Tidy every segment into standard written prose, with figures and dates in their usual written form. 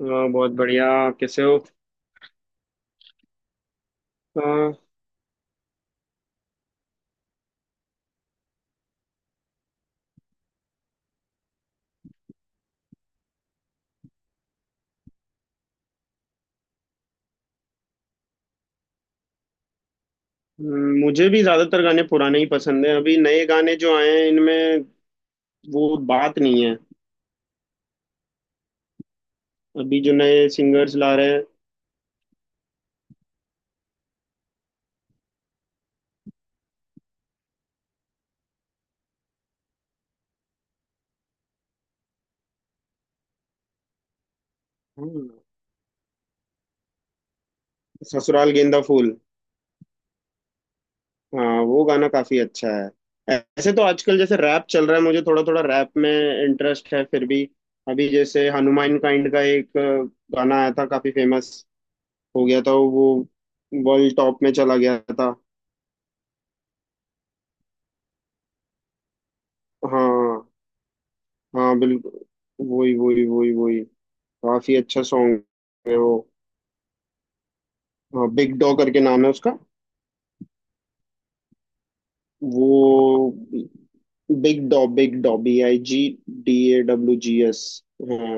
अ, बहुत बढ़िया। कैसे हो? अ, मुझे भी ज्यादातर गाने पुराने ही पसंद हैं। अभी नए गाने जो आए हैं, इनमें वो बात नहीं है। अभी जो नए सिंगर्स ला रहे हैं। हम्म। ससुराल गेंदा फूल। हाँ, वो गाना काफी अच्छा है। ऐसे तो आजकल जैसे रैप चल रहा है, मुझे थोड़ा थोड़ा रैप में इंटरेस्ट है। फिर भी अभी जैसे हनुमान काइंड का एक गाना आया था, काफी फेमस हो गया था वो। वर्ल्ड टॉप में चला गया था। हाँ। हाँ, बिल्कुल। वही वही वही वही। काफी अच्छा सॉन्ग है वो। बिग डॉ करके नाम है उसका। वो बिग डॉ, बिग डॉ, BIG, DAWGS। हाँ।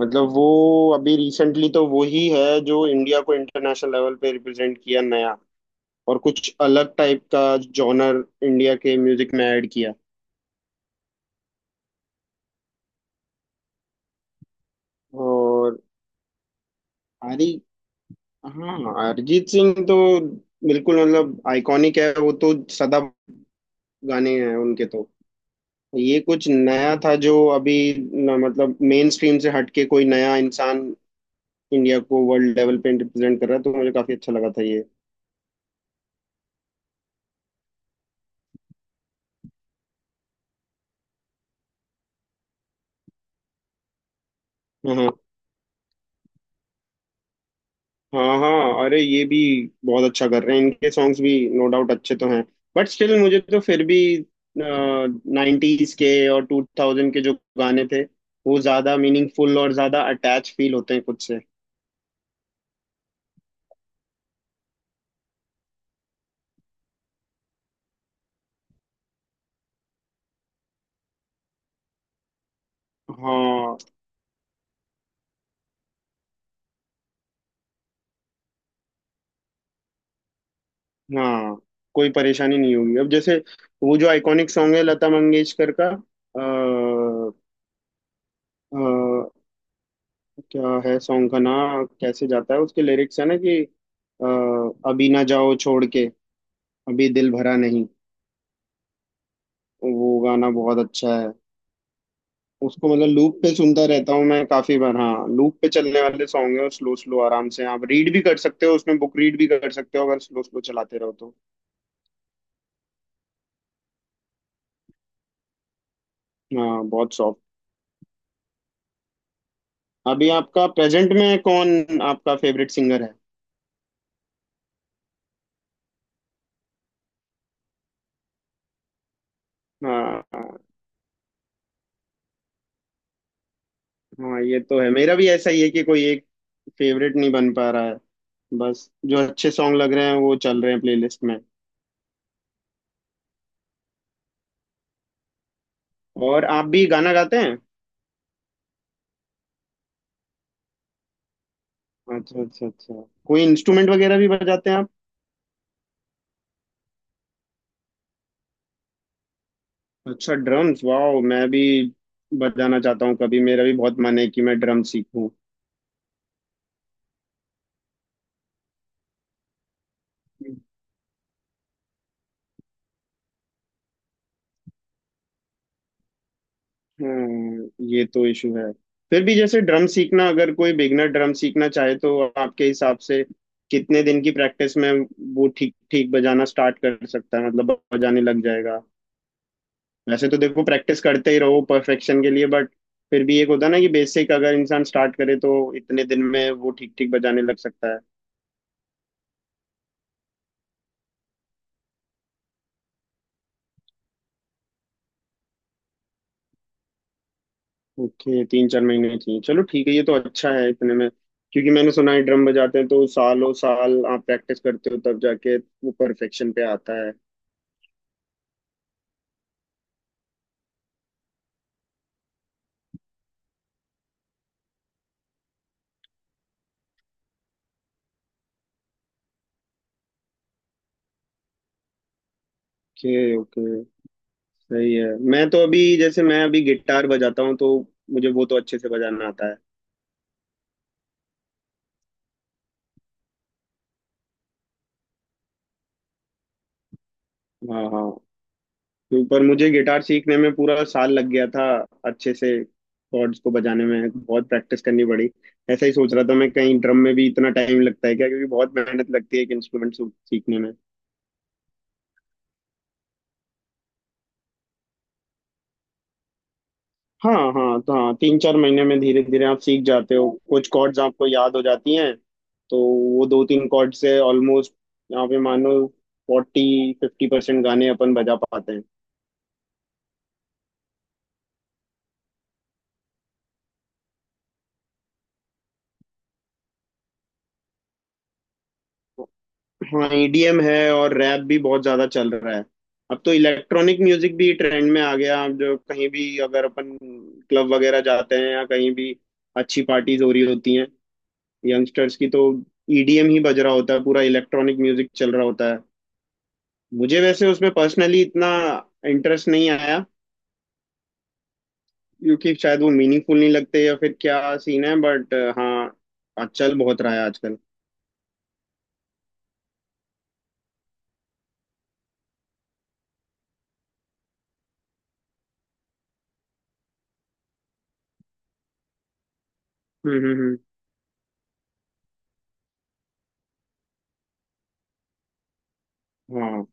मतलब वो अभी रिसेंटली तो वो ही है जो इंडिया को इंटरनेशनल लेवल पे रिप्रेजेंट किया, नया और कुछ अलग टाइप का जॉनर इंडिया के म्यूजिक में ऐड किया। और हरी। हाँ, अरिजीत सिंह तो बिल्कुल मतलब आइकॉनिक है वो तो, सदा गाने हैं उनके तो। ये कुछ नया था जो अभी न, मतलब मेन स्ट्रीम से हटके कोई नया इंसान इंडिया को वर्ल्ड लेवल पे रिप्रेजेंट कर रहा है, तो मुझे काफी अच्छा लगा था ये। हाँ हाँ हाँ, अरे ये भी बहुत अच्छा कर रहे हैं, इनके सॉन्ग्स भी नो डाउट अच्छे तो हैं, बट स्टिल मुझे तो फिर भी 90s के और 2000 के जो गाने थे वो ज्यादा मीनिंगफुल और ज्यादा अटैच फील होते हैं खुद से। हाँ। हाँ, कोई परेशानी नहीं होगी। अब जैसे वो जो आइकॉनिक सॉन्ग है लता मंगेशकर का, आ, क्या है सॉन्ग का नाम? कैसे जाता है उसके लिरिक्स? है ना कि अ, अभी ना जाओ छोड़ के, अभी दिल भरा नहीं। वो गाना बहुत अच्छा है। उसको मतलब लूप पे सुनता रहता हूँ मैं काफी बार। हाँ, लूप पे चलने वाले सॉन्ग है, और स्लो स्लो आराम से आप रीड भी कर सकते हो, उसमें बुक रीड भी कर सकते हो अगर स्लो स्लो चलाते रहो तो। हाँ, बहुत सॉफ्ट। अभी आपका प्रेजेंट में कौन आपका फेवरेट सिंगर है? हाँ हाँ, ये तो है, मेरा भी ऐसा ही है कि कोई एक फेवरेट नहीं बन पा रहा है। बस जो अच्छे सॉन्ग लग रहे हैं वो चल रहे हैं प्लेलिस्ट में। और आप भी गाना गाते हैं? अच्छा, अच्छा, अच्छा। कोई इंस्ट्रूमेंट वगैरह भी बजाते हैं आप? अच्छा, ड्रम्स, वाह! मैं भी बजाना चाहता हूँ, कभी मेरा भी बहुत मन है कि मैं ड्रम सीखूं। हम्म, ये तो इशू है। फिर भी जैसे ड्रम सीखना, अगर कोई बिगनर ड्रम सीखना चाहे तो आपके हिसाब से कितने दिन की प्रैक्टिस में वो ठीक ठीक बजाना स्टार्ट कर सकता है, मतलब बजाने लग जाएगा? वैसे तो देखो प्रैक्टिस करते ही रहो परफेक्शन के लिए, बट फिर भी एक होता है ना कि बेसिक अगर इंसान स्टार्ट करे तो इतने दिन में वो ठीक ठीक बजाने लग सकता है। ओके, 3-4 महीने चाहिए। चलो ठीक है, ये तो अच्छा है इतने में। क्योंकि मैंने सुना है ड्रम बजाते हैं तो सालों साल आप प्रैक्टिस करते हो तब जाके वो परफेक्शन पे आता है। ओके ओके, सही है। मैं तो अभी जैसे मैं अभी गिटार बजाता हूँ तो मुझे वो तो अच्छे से बजाना आता है। हाँ हाँ। तो पर मुझे गिटार सीखने में पूरा साल लग गया था, अच्छे से कॉर्ड्स को बजाने में बहुत प्रैक्टिस करनी पड़ी। ऐसा ही सोच रहा था मैं, कहीं ड्रम में भी इतना टाइम लगता है क्या, क्योंकि बहुत मेहनत लगती है एक इंस्ट्रूमेंट सीखने में। हाँ हाँ, तो हाँ, 3-4 महीने में धीरे धीरे आप सीख जाते हो, कुछ कॉर्ड्स आपको याद हो जाती हैं, तो वो 2-3 कॉर्ड से ऑलमोस्ट यहाँ पे मानो 40-50% गाने अपन बजा पाते हैं। हाँ, ईडीएम है और रैप भी बहुत ज्यादा चल रहा है। अब तो इलेक्ट्रॉनिक म्यूजिक भी ट्रेंड में आ गया। अब जो कहीं भी अगर अपन क्लब वगैरह जाते हैं, या कहीं भी अच्छी पार्टीज हो रही होती हैं यंगस्टर्स की, तो ईडीएम ही बज रहा होता है, पूरा इलेक्ट्रॉनिक म्यूजिक चल रहा होता है। मुझे वैसे उसमें पर्सनली इतना इंटरेस्ट नहीं आया, क्योंकि शायद वो मीनिंगफुल नहीं लगते, या फिर क्या सीन है, बट हाँ, आज चल बहुत रहा है आजकल। हम्म। हम्म। हाँ।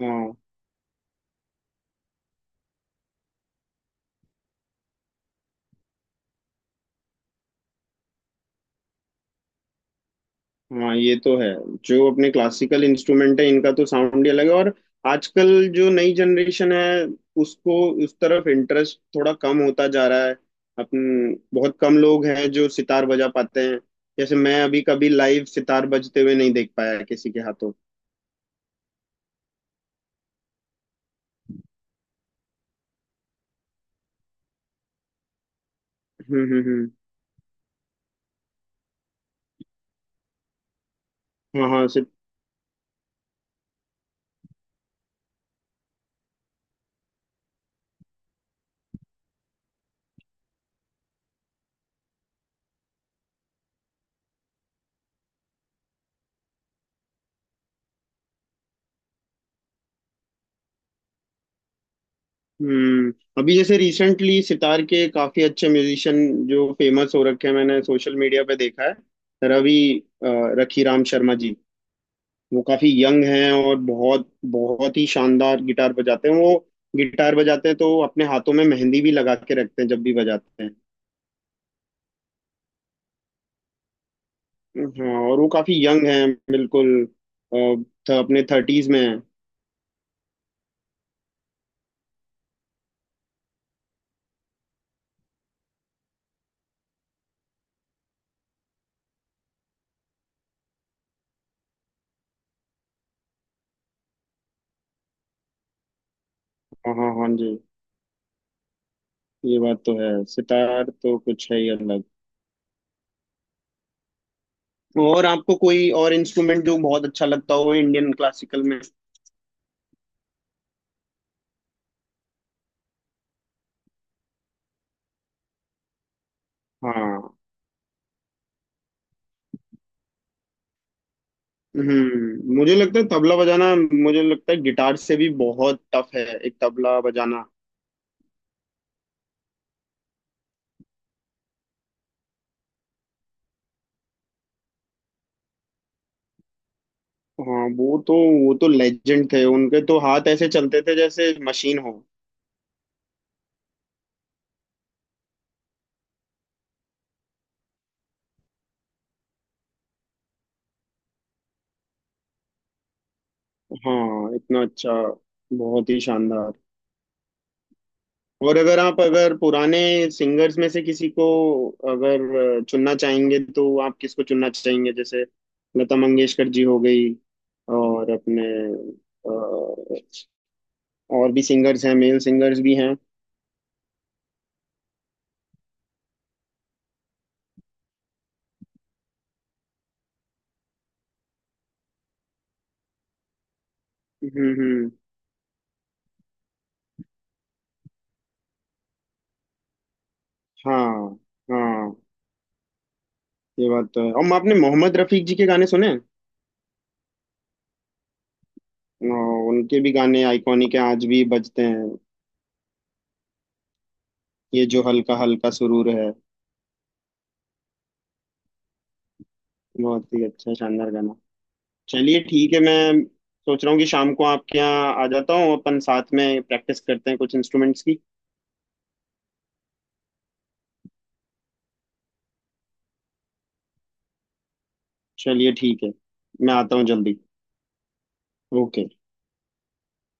हाँ हाँ, ये तो है। जो अपने क्लासिकल इंस्ट्रूमेंट है इनका तो साउंड ही अलग है। और आजकल जो नई जनरेशन है उसको उस तरफ इंटरेस्ट थोड़ा कम होता जा रहा है। अपन बहुत कम लोग हैं जो सितार बजा पाते हैं। जैसे मैं अभी कभी लाइव सितार बजते हुए नहीं देख पाया किसी के हाथों। हम्म। हम्म। हम्म। हाँ। हाँ। हम्म। अभी जैसे रिसेंटली सितार के काफी अच्छे म्यूजिशियन जो फेमस हो रखे हैं, मैंने सोशल मीडिया पे देखा है। रवि अ, रखीराम शर्मा जी। वो काफी यंग हैं, और बहुत बहुत ही शानदार गिटार बजाते हैं वो। गिटार बजाते हैं तो अपने हाथों में मेहंदी भी लगा के रखते हैं, जब भी बजाते हैं। हाँ, और वो काफी यंग हैं, बिल्कुल। अ, अपने 30s में हैं। हाँ हाँ हाँ जी, ये बात तो है, सितार तो कुछ है ही अलग। और आपको कोई और इंस्ट्रूमेंट जो बहुत अच्छा लगता हो इंडियन क्लासिकल में? हाँ। हम्म, मुझे लगता है तबला बजाना, मुझे लगता है गिटार से भी बहुत टफ है एक तबला बजाना। हाँ, वो तो लेजेंड थे, उनके तो हाथ ऐसे चलते थे जैसे मशीन हो। हाँ, इतना अच्छा। बहुत ही शानदार। और अगर आप, अगर पुराने सिंगर्स में से किसी को अगर चुनना चाहेंगे तो आप किसको चुनना चाहेंगे? जैसे लता मंगेशकर जी हो गई, और अपने अ, और भी सिंगर्स हैं, मेल सिंगर्स भी हैं। हम्म। हम्म, हाँ। हाँ, ये बात तो है। और आपने मोहम्मद रफीक जी के गाने सुने हैं? अ, उनके भी गाने आइकॉनिक हैं, आज भी बजते हैं। ये जो हल्का हल्का सुरूर है, बहुत ही अच्छा शानदार गाना। चलिए ठीक है, मैं सोच रहा हूँ कि शाम को आपके यहाँ आ जाता हूँ, अपन साथ में प्रैक्टिस करते हैं कुछ इंस्ट्रूमेंट्स की। चलिए ठीक है, मैं आता हूँ जल्दी। ओके।